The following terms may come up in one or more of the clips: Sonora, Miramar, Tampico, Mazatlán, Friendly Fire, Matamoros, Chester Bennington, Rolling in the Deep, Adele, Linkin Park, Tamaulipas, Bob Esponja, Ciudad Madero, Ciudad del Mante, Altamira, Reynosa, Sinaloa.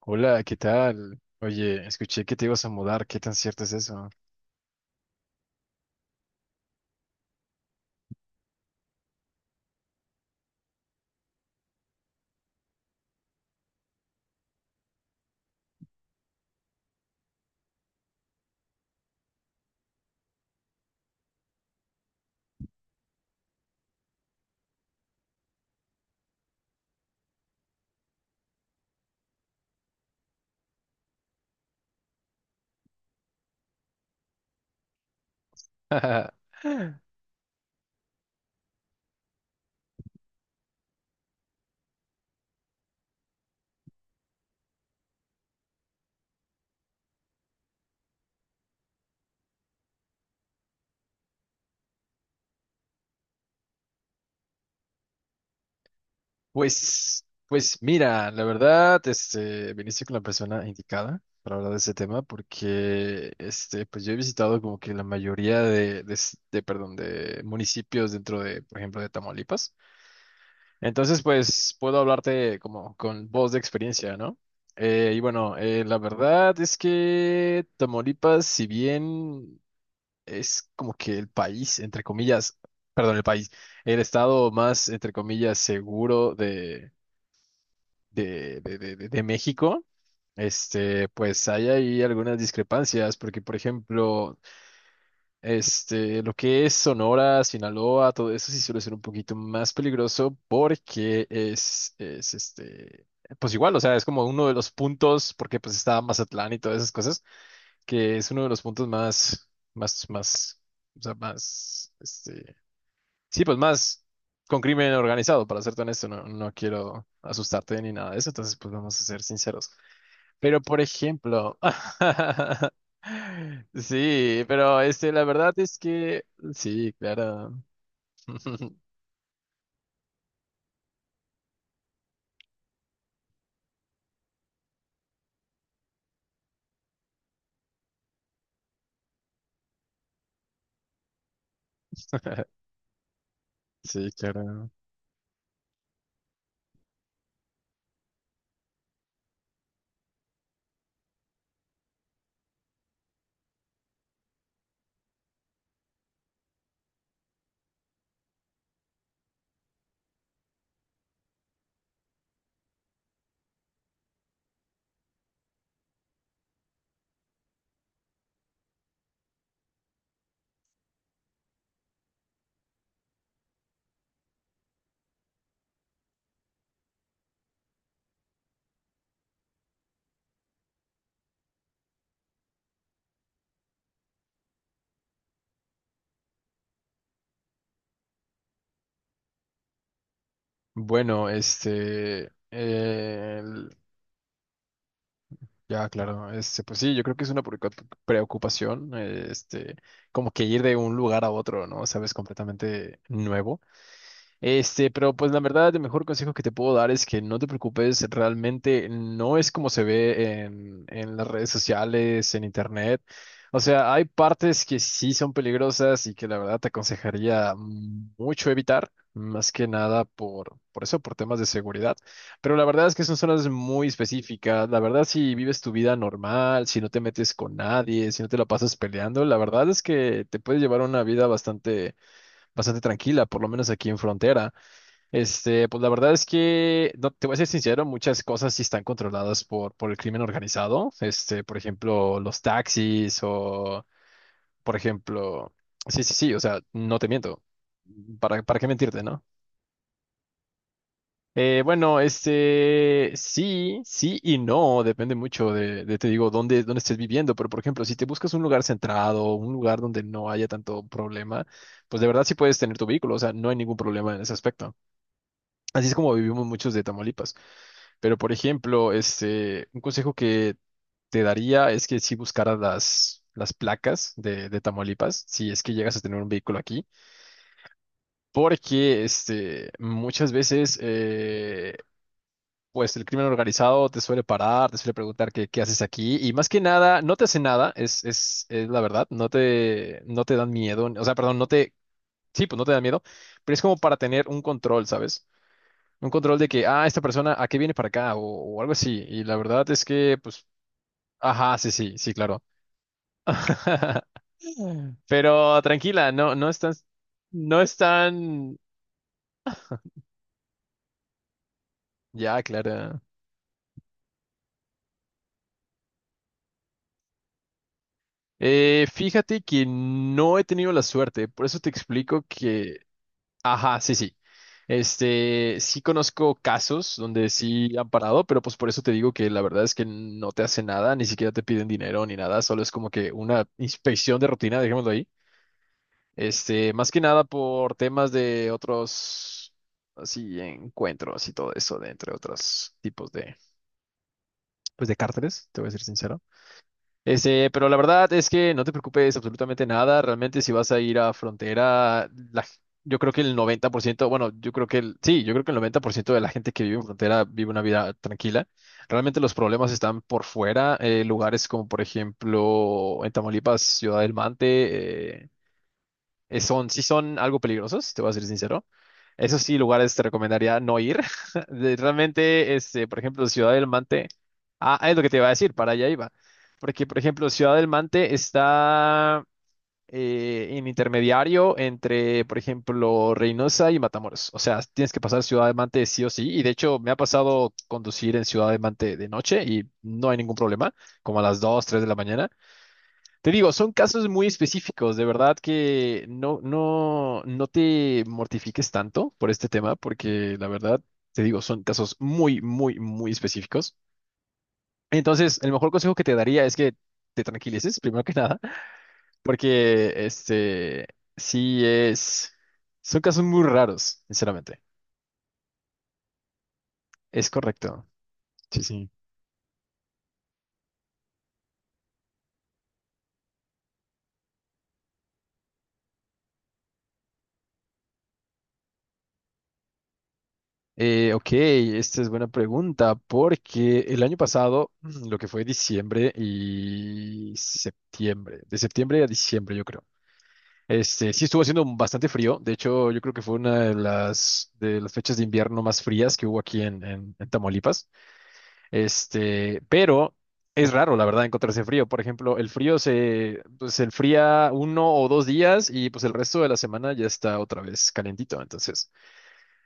Hola, ¿qué tal? Oye, escuché que te ibas a mudar, ¿qué tan cierto es eso? Pues, mira, la verdad, viniste con la persona indicada para hablar de ese tema, porque, pues yo he visitado como que la mayoría de, perdón, de municipios dentro de, por ejemplo, de Tamaulipas. Entonces, pues, puedo hablarte como con voz de experiencia, ¿no? Y bueno, la verdad es que Tamaulipas, si bien es como que el país, entre comillas, perdón, el país, el estado más, entre comillas, seguro de México. Pues hay ahí algunas discrepancias, porque por ejemplo, lo que es Sonora, Sinaloa, todo eso sí suele ser un poquito más peligroso porque es pues igual, o sea, es como uno de los puntos, porque pues está Mazatlán y todas esas cosas que es uno de los puntos más, más, más, o sea, más, sí, pues más con crimen organizado, para serte honesto, no, no quiero asustarte ni nada de eso, entonces pues vamos a ser sinceros. Pero, por ejemplo, sí, pero la verdad es que, sí, claro. Sí, claro. Bueno, ya, claro, pues sí, yo creo que es una preocupación, como que ir de un lugar a otro, ¿no? Sabes, completamente nuevo. Pero pues la verdad, el mejor consejo que te puedo dar es que no te preocupes, realmente no es como se ve en las redes sociales, en internet. O sea, hay partes que sí son peligrosas y que la verdad te aconsejaría mucho evitar, más que nada por eso, por temas de seguridad. Pero la verdad es que son zonas muy específicas. La verdad, si vives tu vida normal, si no te metes con nadie, si no te la pasas peleando, la verdad es que te puedes llevar una vida bastante, bastante tranquila, por lo menos aquí en frontera. Pues la verdad es que, no, te voy a ser sincero, muchas cosas sí están controladas por el crimen organizado. Por ejemplo, los taxis o, por ejemplo, sí, sí, sí, o sea, no te miento. ¿Para qué mentirte, no? Bueno, sí, sí y no, depende mucho de, te digo, dónde estés viviendo, pero por ejemplo, si te buscas un lugar centrado, un lugar donde no haya tanto problema, pues de verdad sí puedes tener tu vehículo, o sea, no hay ningún problema en ese aspecto. Así es como vivimos muchos de Tamaulipas. Pero, por ejemplo, un consejo que te daría es que si buscaras las placas de Tamaulipas, si es que llegas a tener un vehículo aquí, porque muchas veces pues el crimen organizado te suele parar, te suele preguntar qué haces aquí, y más que nada, no te hace nada, es la verdad, no te dan miedo, o sea, perdón, sí, pues no te dan miedo, pero es como para tener un control, ¿sabes? Un control de que, ah, esta persona, ¿a qué viene para acá? O algo así. Y la verdad es que, pues, ajá, sí, sí, sí, claro. Pero tranquila, no, no están, ya, Clara. Fíjate que no he tenido la suerte, por eso te explico que, ajá, sí, sí. Sí conozco casos donde sí han parado, pero pues por eso te digo que la verdad es que no te hace nada, ni siquiera te piden dinero ni nada, solo es como que una inspección de rutina, dejémoslo ahí. Más que nada por temas de otros, así, encuentros y todo eso, de entre otros tipos de, pues, de cárteles, te voy a ser sincero. Pero la verdad es que no te preocupes absolutamente nada. Realmente si vas a ir a frontera, la yo creo que el 90%, bueno, yo creo que el 90% de la gente que vive en frontera vive una vida tranquila. Realmente los problemas están por fuera, lugares como por ejemplo en Tamaulipas, Ciudad del Mante, sí son algo peligrosos, te voy a ser sincero. Esos sí, lugares te recomendaría no ir. Realmente, por ejemplo, Ciudad del Mante. Ah, es lo que te iba a decir, para allá iba. Porque, por ejemplo, Ciudad del Mante está en intermediario entre, por ejemplo, Reynosa y Matamoros. O sea, tienes que pasar Ciudad del Mante sí o sí. Y de hecho, me ha pasado conducir en Ciudad del Mante de noche y no hay ningún problema, como a las dos 3 de la mañana. Te digo, son casos muy específicos, de verdad que no, no, no te mortifiques tanto por este tema, porque la verdad, te digo, son casos muy, muy, muy específicos. Entonces, el mejor consejo que te daría es que te tranquilices, primero que nada, porque sí son casos muy raros, sinceramente. Es correcto. Sí, sí. Ok, esta es buena pregunta, porque el año pasado, lo que fue diciembre y septiembre, de septiembre a diciembre, yo creo. Sí estuvo haciendo bastante frío. De hecho, yo creo que fue una de las fechas de invierno más frías que hubo aquí en Tamaulipas. Pero es raro, la verdad, encontrarse frío. Por ejemplo, el frío se enfría 1 o 2 días y pues el resto de la semana ya está otra vez calentito. Entonces.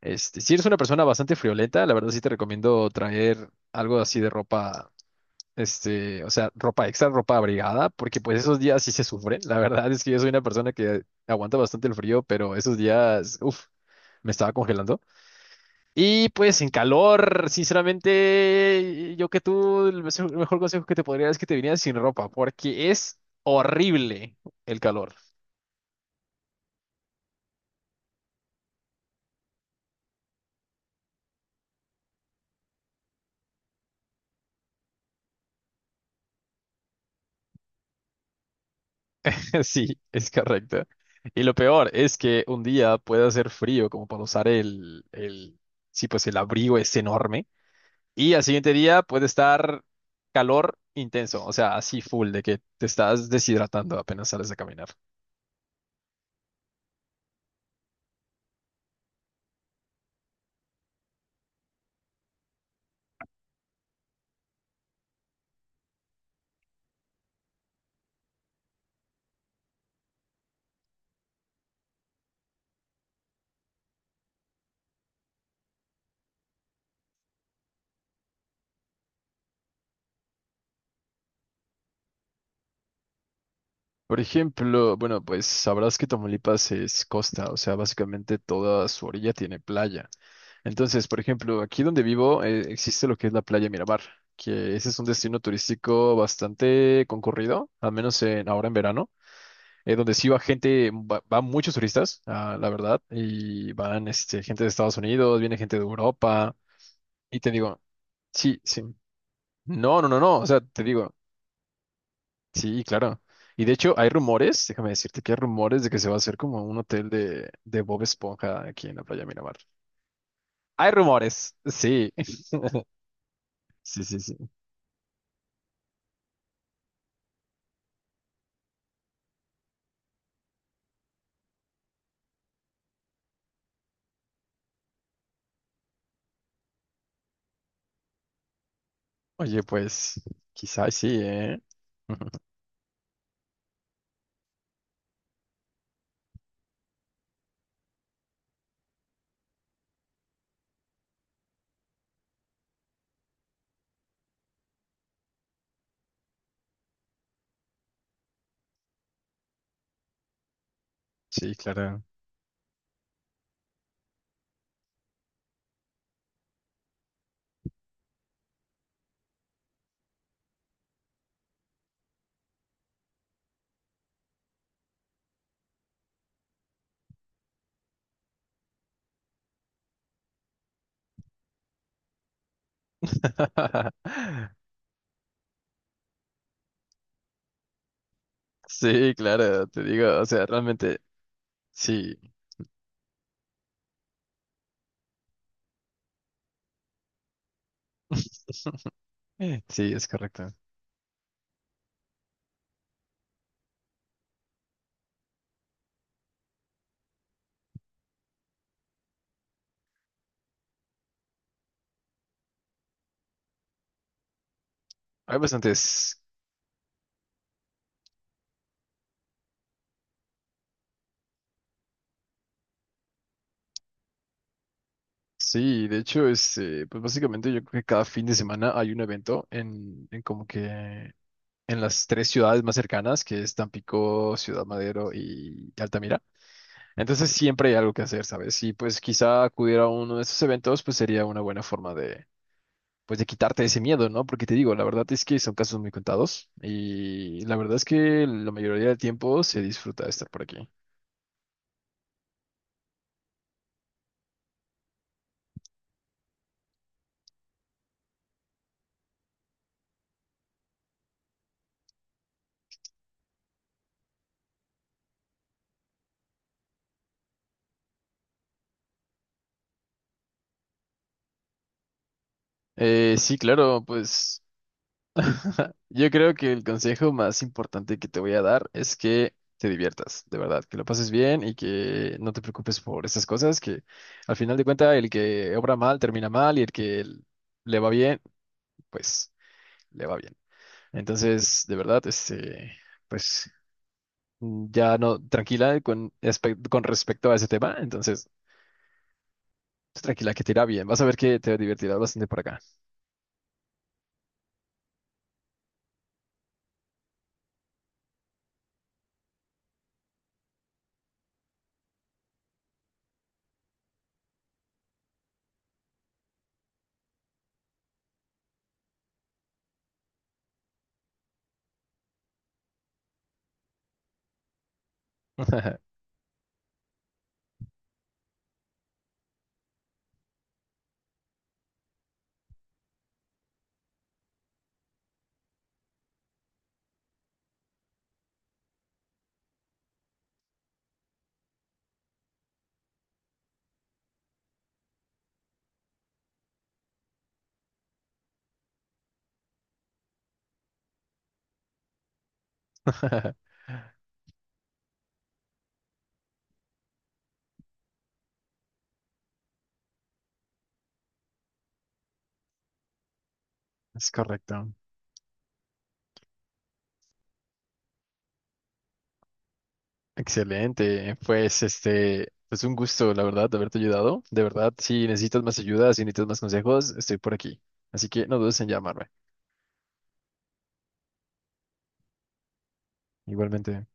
Si eres una persona bastante friolenta, la verdad sí te recomiendo traer algo así de ropa, o sea, ropa extra, ropa abrigada, porque pues esos días sí se sufren. La verdad es que yo soy una persona que aguanta bastante el frío, pero esos días, uff, me estaba congelando. Y pues en calor, sinceramente, yo que tú, el mejor consejo que te podría dar es que te vinieras sin ropa, porque es horrible el calor. Sí, es correcto. Y lo peor es que un día puede hacer frío como para usar sí, pues el abrigo es enorme. Y al siguiente día puede estar calor intenso, o sea, así full, de que te estás deshidratando apenas sales a caminar. Por ejemplo, bueno, pues sabrás que Tamaulipas es costa, o sea, básicamente toda su orilla tiene playa. Entonces, por ejemplo, aquí donde vivo existe lo que es la playa Miramar, que ese es un destino turístico bastante concurrido, al menos ahora en verano, donde sí va gente, van muchos turistas, ah, la verdad, y van gente de Estados Unidos, viene gente de Europa, y te digo, sí, sí, no, no, no, no, o sea, te digo, sí, claro. Y de hecho hay rumores, déjame decirte que hay rumores de que se va a hacer como un hotel de Bob Esponja aquí en la playa Miramar. Hay rumores, sí, sí, sí, sí. Oye, pues quizás sí, ¿eh? Sí, claro. Sí, claro, te digo, o sea, realmente sí, sí, es correcto. Hay bastantes, sí, de hecho, pues básicamente yo creo que cada fin de semana hay un evento en como que en las tres ciudades más cercanas, que es Tampico, Ciudad Madero y Altamira. Entonces siempre hay algo que hacer, ¿sabes? Y pues quizá acudir a uno de esos eventos, pues sería una buena forma pues de quitarte ese miedo, ¿no? Porque te digo, la verdad es que son casos muy contados y la verdad es que la mayoría del tiempo se disfruta de estar por aquí. Sí, claro, pues yo creo que el consejo más importante que te voy a dar es que te diviertas, de verdad, que lo pases bien y que no te preocupes por esas cosas, que al final de cuentas el que obra mal termina mal y el que le va bien, pues le va bien. Entonces, de verdad, pues ya no, tranquila con respecto a ese tema. Entonces, tranquila que te irá bien. Vas a ver que te divertirás bastante por acá. Es correcto. Excelente. Pues un gusto, la verdad, de haberte ayudado. De verdad, si necesitas más ayuda, si necesitas más consejos, estoy por aquí. Así que no dudes en llamarme. Igualmente.